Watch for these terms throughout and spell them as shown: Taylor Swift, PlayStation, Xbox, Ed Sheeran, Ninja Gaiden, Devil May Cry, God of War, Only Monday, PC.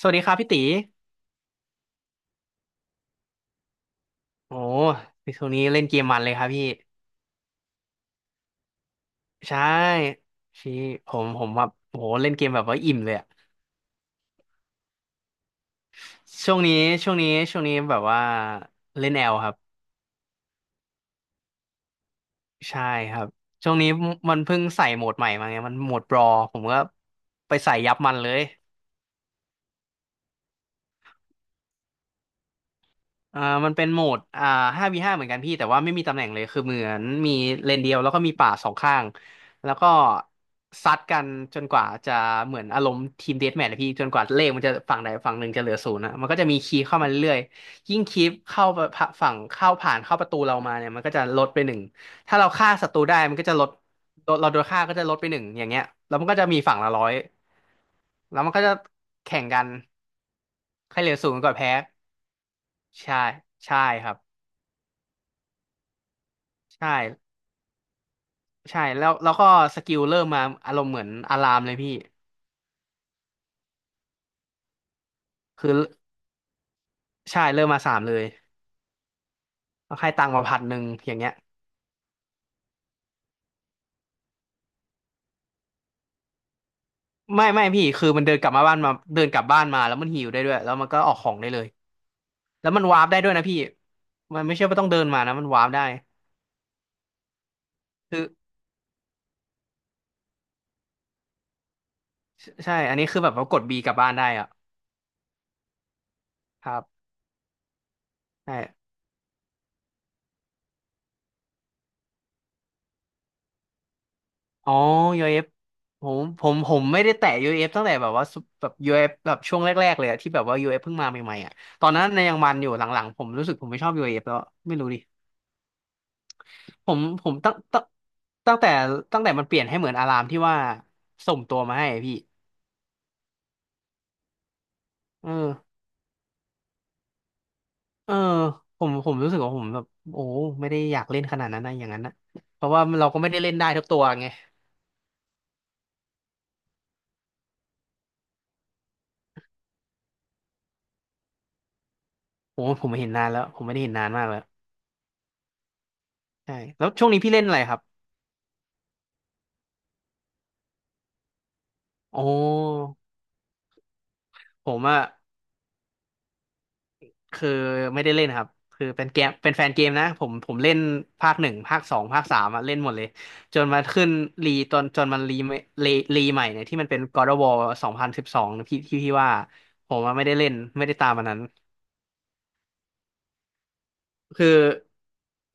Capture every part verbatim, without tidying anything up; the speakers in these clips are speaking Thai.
สวัสดีครับพี่ตีโอ้พี่ช่วงนี้เล่นเกมมันเลยครับพี่ใช่พี่ผมผมแบบโอ้โหเล่นเกมแบบว่าอิ่มเลยอะช่วงนี้ช่วงนี้ช่วงนี้แบบว่าเล่นแอลครับใช่ครับ ช่วงนี้มันเพิ่งใส่โหมดใหม่มาไงมันโหมดบรอผมก็ไปใส่ยับมันเลย อ่ามันเป็นโหมดอ่า ห้า วี ห้า เหมือนกันพี่แต่ว่าไม่มีตำแหน่งเลยคือเหมือนมีเลนเดียวแล้วก็มีป่าสองข้างแล้วก็ซัดกันจนกว่าจะเหมือนอารมณ์ทีมเดธแมทนะพี่จนกว่าเลขมันจะฝั่งใดฝั่งหนึ่งจะเหลือศูนย์นะมันก็จะมีคีย์เข้ามาเรื่อยๆยิ่งคีย์เข้าฝั่งเข้าผ่านเข้าประตูเรามาเนี่ยมันก็จะลดไปหนึ่งถ้าเราฆ่าศัตรูได้มันก็จะลดลดเราโดนฆ่าก็จะลดไปหนึ่งอย่างเงี้ยแล้วมันก็จะมีฝั่งละร้อยแล้วมันก็จะแข่งกันใครเหลือศูนย์ก่อนแพ้ใช่ใช่ครับใช่ ใช่แล้วแล้วก็สกิลเริ่มมาอารมณ์เหมือนอารามเลยพี่คือใช่เริ่มมาสามเลยแล้วให้ตังค์มาพันหนึ่งอย่างเงี้ยไม่ไม่พี่คือมันเดินกลับมาบ้านมาเดินกลับบ้านมาแล้วมันหิวได้ด้วยแล้วมันก็ออกของได้เลยแล้วมันวาร์ปได้ด้วยนะพี่มันไม่ใช่ว่าต้องเดินมานะมันวาร์ปได้คือใช่อันนี้คือแบบว่ากดบีกลับบ้านได้อะครับใช่ อ๋อยูเอฟผมผมผมไม่ได้แตะยูเอฟตั้งแต่แบบว่าซุปแบบ ยู เอฟ แบบช่วงแรกๆเลยอะที่แบบว่า ยู เอฟ เอฟเพิ่งมาใหม่ๆอ่ะตอนนั้นในยยังมันอยู่หลังๆผมรู้สึกผมไม่ชอบ ยู เอฟ แล้วไม่รู้ดิผมผมตั้งตั้งตั้งแต่ตั้งแต่มันเปลี่ยนให้เหมือนอารามที่ว่าส่งตัวมาให้อะพี่เออเออผมผมรู้สึกว่าผมแบบโอ้ไม่ได้อยากเล่นขนาดนั้นนะอย่างนั้นนะเพราะว่าเราก็ไม่ได้เล่นได้ทุกตัวไงผมผมไม่เห็นนานแล้วผมไม่ได้เห็นนานมากแล้วใช่แล้วช่วงนี้พี่เล่นอะไรครับโอ้ผมอะ คือไม่ได้เล่นครับคือเป็นเกมเป็นแฟนเกมนะผมผมเล่นภาคหนึ่งภาคสองภาคสามอะเล่นหมดเลยจนมาขึ้นรีตอนจนมันรีรีรีใหม่เนี่ยที่มันเป็น God of War สองพันสิบสองพี่ที่พี่ว่าผมอะไม่ได้เล่นไม่ได้ตามมันนั้นคือ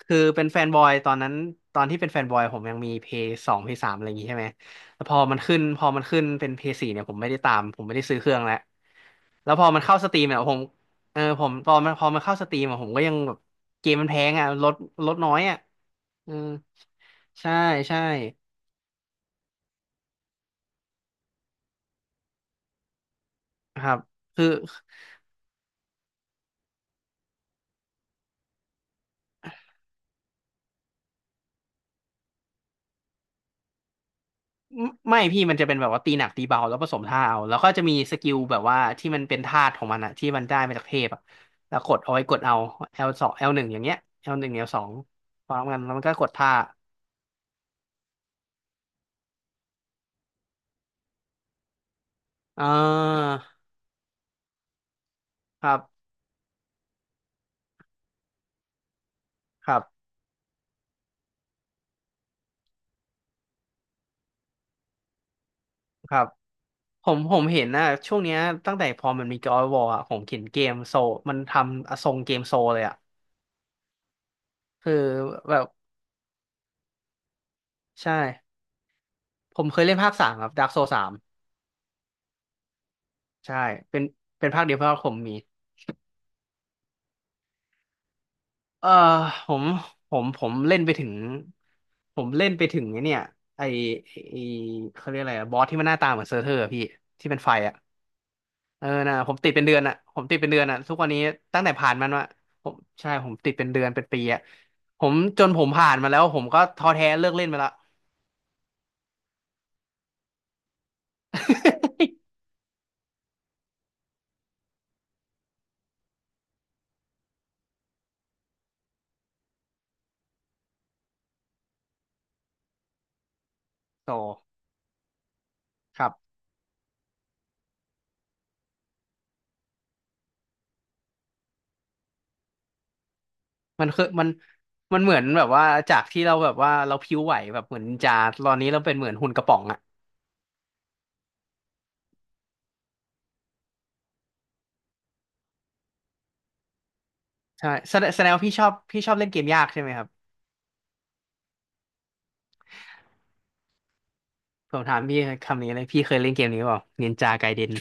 คือเป็นแฟนบอยตอนนั้นตอนที่เป็นแฟนบอยผมยังมีเพย์สองเพย์สามอะไรอย่างงี้ใช่ไหมแต่พอมันขึ้นพอมันขึ้นเป็นเพย์สี่เนี่ยผมไม่ได้ตามผมไม่ได้ซื้อเครื่องแล้ว แล้วพอมันเข้าสตรีมอ่ะผมเออผมพอมันพอมันเข้าสตรีมอ่ะผมก็ยังแบบเกมมันแพงอ่ะลดลดน้อยอ่ะเออใช่ใช่ครับคือไม่ไม่พี่มันจะเป็นแบบว่าตีหนักตีเบาแล้วผสมท่าเอาแล้วก็จะมีสกิลแบบว่าที่มันเป็นธาตุของมันอะที่มันได้มาจากเทพอ่ะแล้วกดเอาไว้กดเอา L สอง แอล หนึ่งอย่างเงี้ย L หนึ่ง แอล สองพร้อมกันแล้วมันก็กดท่าอ่าครับครับครับ ผมผมเห็นนะช่วงเนี้ยตั้งแต่พอมันมีจอยวอลอ่ะผมเห็นเกมโซลมันทำอทรงเกมโซลเลยอ่ะคือแบบใช่ผมเคยเล่นภาคสามครับดาร์กโซสามใช่เป็นเป็นภาคเดียวเพราะว่าผมมีเออผมผมผมเล่นไปถึงผมเล่นไปถึงไอ้เนี่ยไอไอเขาเรียกอะไรอะบอสที่มันหน้าตาเหมือนเซอร์เทอร์อะพี่ที่เป็นไฟอ่ะ เออนะผมติดเป็นเดือนอ่ะผมติดเป็นเดือนอ่ะทุกวันนี้ตั้งแต่ผ่านมันวะผมใช่ผมติดเป็นเดือนเป็นปีอ่ะผมจนผมผ่านมาแล้วผมก็ท้อแท้เลิกเล่นไปละ โตครับมันคือมันมันเหมือนแบบว่าจากที่เราแบบว่าเราพริ้วไหวแบบเหมือนนินจาตอนนี้เราเป็นเหมือนหุ่นกระป๋องอ่ะใช่แสดงแสดงว่าพี่ชอบพี่ชอบเล่นเกมยากใช่ไหมครับผมถามพี่คำนี้เลยพี่เคยเล่นเกมนี้เปล่านินจาไกเดน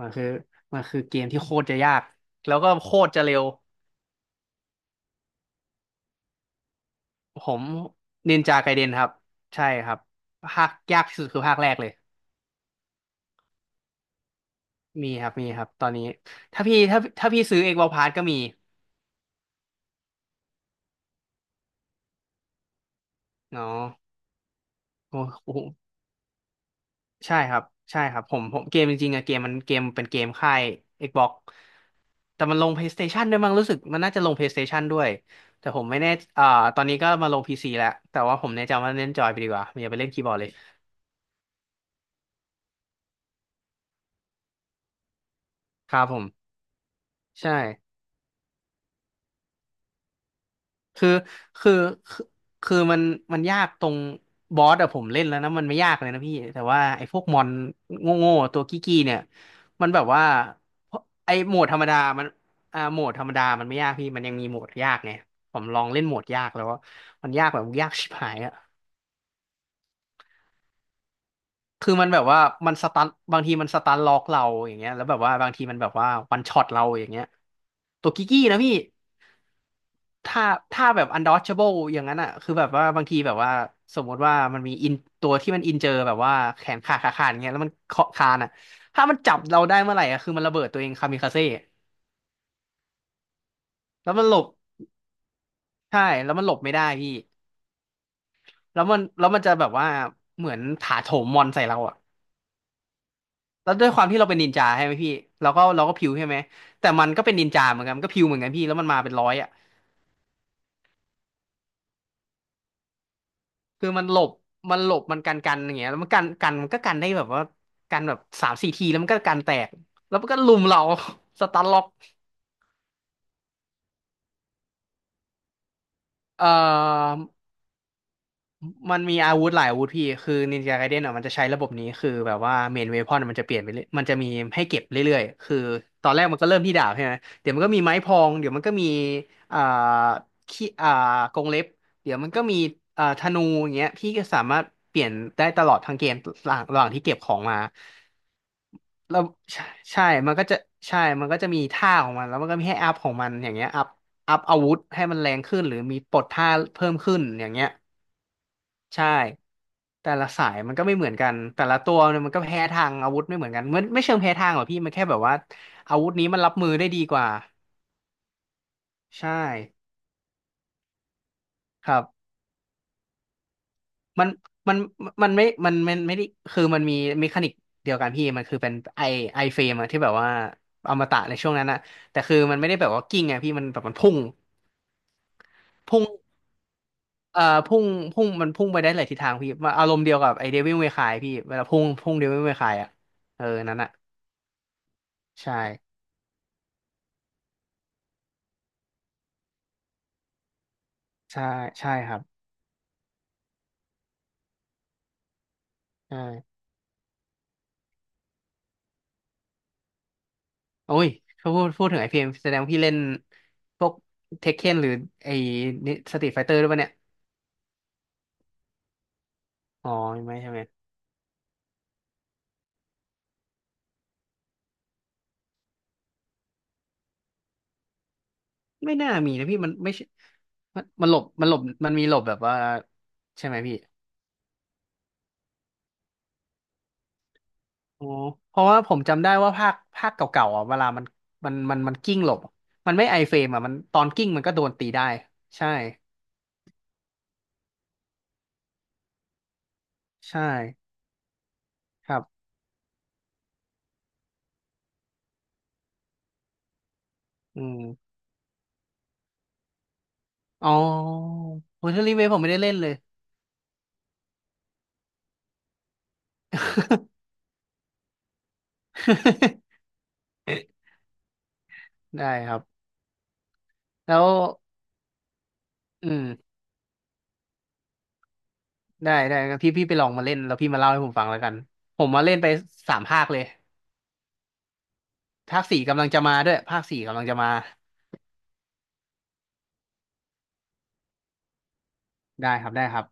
มันคือมันคือเกมที่โคตรจะยากแล้วก็โคตรจะเร็ว ผมนินจาไกเดนครับใช่ครับภาคยากที่สุดคือภาคแรกเลยมีครับมีครับตอนนี้ถ้าพี่ถ้าถ้าพี่ซื้อเอกวอลพาร์ก็มีเนาะโอ้โหใช่ครับใช่ครับผมผมเกมจริงๆอะเกมมันเกมเป็นเกมค่าย Xbox แต่มันลง PlayStation ด้วยมั้งรู้สึกมันน่าจะลง PlayStation ด้วยแต่ผมไม่แน่อ่าตอนนี้ก็มาลง พี ซี แล้วแต่ว่าผมแนะนำว่าเล่นจอยไปดีกว่าอย่าไปเล่นคีย์บอร์ดเลยครับผมใช่ คือคือคือคือมันมันยากตรงบอสอะผมเล่นแล้วนะมันไม่ยากเลยนะพี่แต่ว่าไอ้พวกมอนโง่ๆตัวกี้ๆเนี่ยมันแบบว่าไอ้โหมดธรรมดามันอ่าโหมดธรรมดามันไม่ยากพี่มันยังมีโหมดยากไงผมลองเล่นโหมดยากแล้วว่ามันยากแบบยากชิบหายอะคือมันแบบว่ามันสตันบางทีมันสตันล็อกเราอย่างเงี้ยแล้วแบบว่าบางทีมันแบบว่าวันช็อตเราอย่างเงี้ยตัวกกกี้นะพี่ ถ้าถ้าแบบ undodgeable อย่างนั้นอ่ะคือแบบว่าบางทีแบบว่าสมมติว่ามันมีอินตัวที่มันอินเจอแบบว่าแขนขาขาขาดอย่างเงี้ยแล้วมันเคาะคานอ่ะถ้ามันจับเราได้เมื่อไหร่อ่ะคือมันระเบิดตัวเองคามิคาเซ่แล้วมันหลบใช่แล้วมันหลบไม่ได้พี่แล้วมันแล้วมันจะแบบว่าเหมือนถาโถมมอนใส่เราอ่ะแล้วด้วยความที่เราเป็นนินจาใช่ไหมพี่เราก็เราก็พิวใช่ไหมแต่มันก็เป็นนินจาเหมือนกันมันก็พิวเหมือนกันพี่แล้วมันมาเป็นร้อยอ่ะ คือมันหลบมันหลบมันกันกันอย่างเงี้ยแล้วมันกันกันมันก็กันได้แบบว่ากันแบบสามสี่ทีแล้วมันก็กันแตก แล้วมันก็ลุมเรา สตันล็อกเอ่อ มันมีอาวุธหลายอาวุธพี่ คือนินจาไกเดนอ่ะมันจะใช้ระบบนี้คือแบบว่าเมนเวพอนมันจะเปลี่ยนไปเรื่อยมันจะมีให้เก็บเรื่อยๆ คือตอนแรกมันก็เริ่มที่ดาบใช่ไหมเดี๋ยวมันก็มีไม้พองเดี๋ยวมันก็มีอ่าขี้อ่ากรงเล็บ เดี๋ยวมันก็มีอ่าธนูอย่างเงี้ยพี่ก็สามารถเปลี่ยนได้ตลอดทั้งเกมระหว่างระหว่างที่เก็บของมาแล้วใช่ใช่มันก็จะใช่มันก็จะมีท่าของมันแล้วมันก็มีให้อัพของมันอย่างเงี้ยอัพอัพอาวุธให้มันแรงขึ้นหรือมีปลดท่าเพิ่มขึ้นอย่างเงี้ย ใช่แต่ละสายมันก็ไม่เหมือนกันแต่ละตัวเนี่ยมันก็แพ้ทางอาวุธไม่เหมือนกันมันไม่เชิงแพ้ทางหรอกพี่มันแค่แบบว่าอาวุธนี้มันรับมือได้ดีกว่าใช่ครับมันมันมันไม่มันมันไม่ได้คือมันมีเมคานิกเดียวกันพี่มันคือเป็นไอไอเฟรมอะที่แบบว่าอมตะในช่วงนั้นอะแต่คือมันไม่ได้แบบว่ากิ้งไงพี่มันแบบมันพุ่งพุ่งเอ่อพุ่งพุ่งมันพุ่งไปได้หลายทิศทางพี่มันอารมณ์เดียวกับไอเดวิลเมคายพี่เวลาพุ่งพุ่งเดวิลเมคายอะเออนั่นอะใช่ ใช่ใช่ครับใช่โอ้ยถ้าพูดพูดถึงไอพีเอ็มแสดงว่าพี่เล่นพวกเทคเคนหรือไอสตรีทไฟเตอร์ด้วยป่ะเนี่ยอ๋อไม่ใช่ไหมไม่น่ามีนะพี่มันไม่ใช่มันมันหลบมันหลบมันมีหลบแบบว่าใช่ไหมพี่อ๋อเพราะว่าผมจำได้ว่าภาคภาคเก่าๆอ่ะเวลามันมันมันมันกิ้งหลบมันไม่ไอเฟรมอ่ะมันตอนกิ้งมันก็โดนตีได้ใช่ใช่ครับอืมอ๋อโฮเทลรีเวผมไม่ได้เล่นเลย ได้ครับ แล้วอืมได้ได้งั้นพี่พี่ไปลองมาเล่นแล้วพี่มาเล่าให้ผมฟังแล้วกัน ผมมาเล่นไปสามภาคเลยภาคสี่กำลังจะมาด้วยภาคสี่กำลังจะมา ได้ครับ ได้ครับ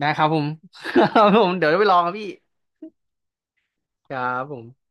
ได้ครับผม ครับผมเดี๋ยวไปลองครับพี่ครับผม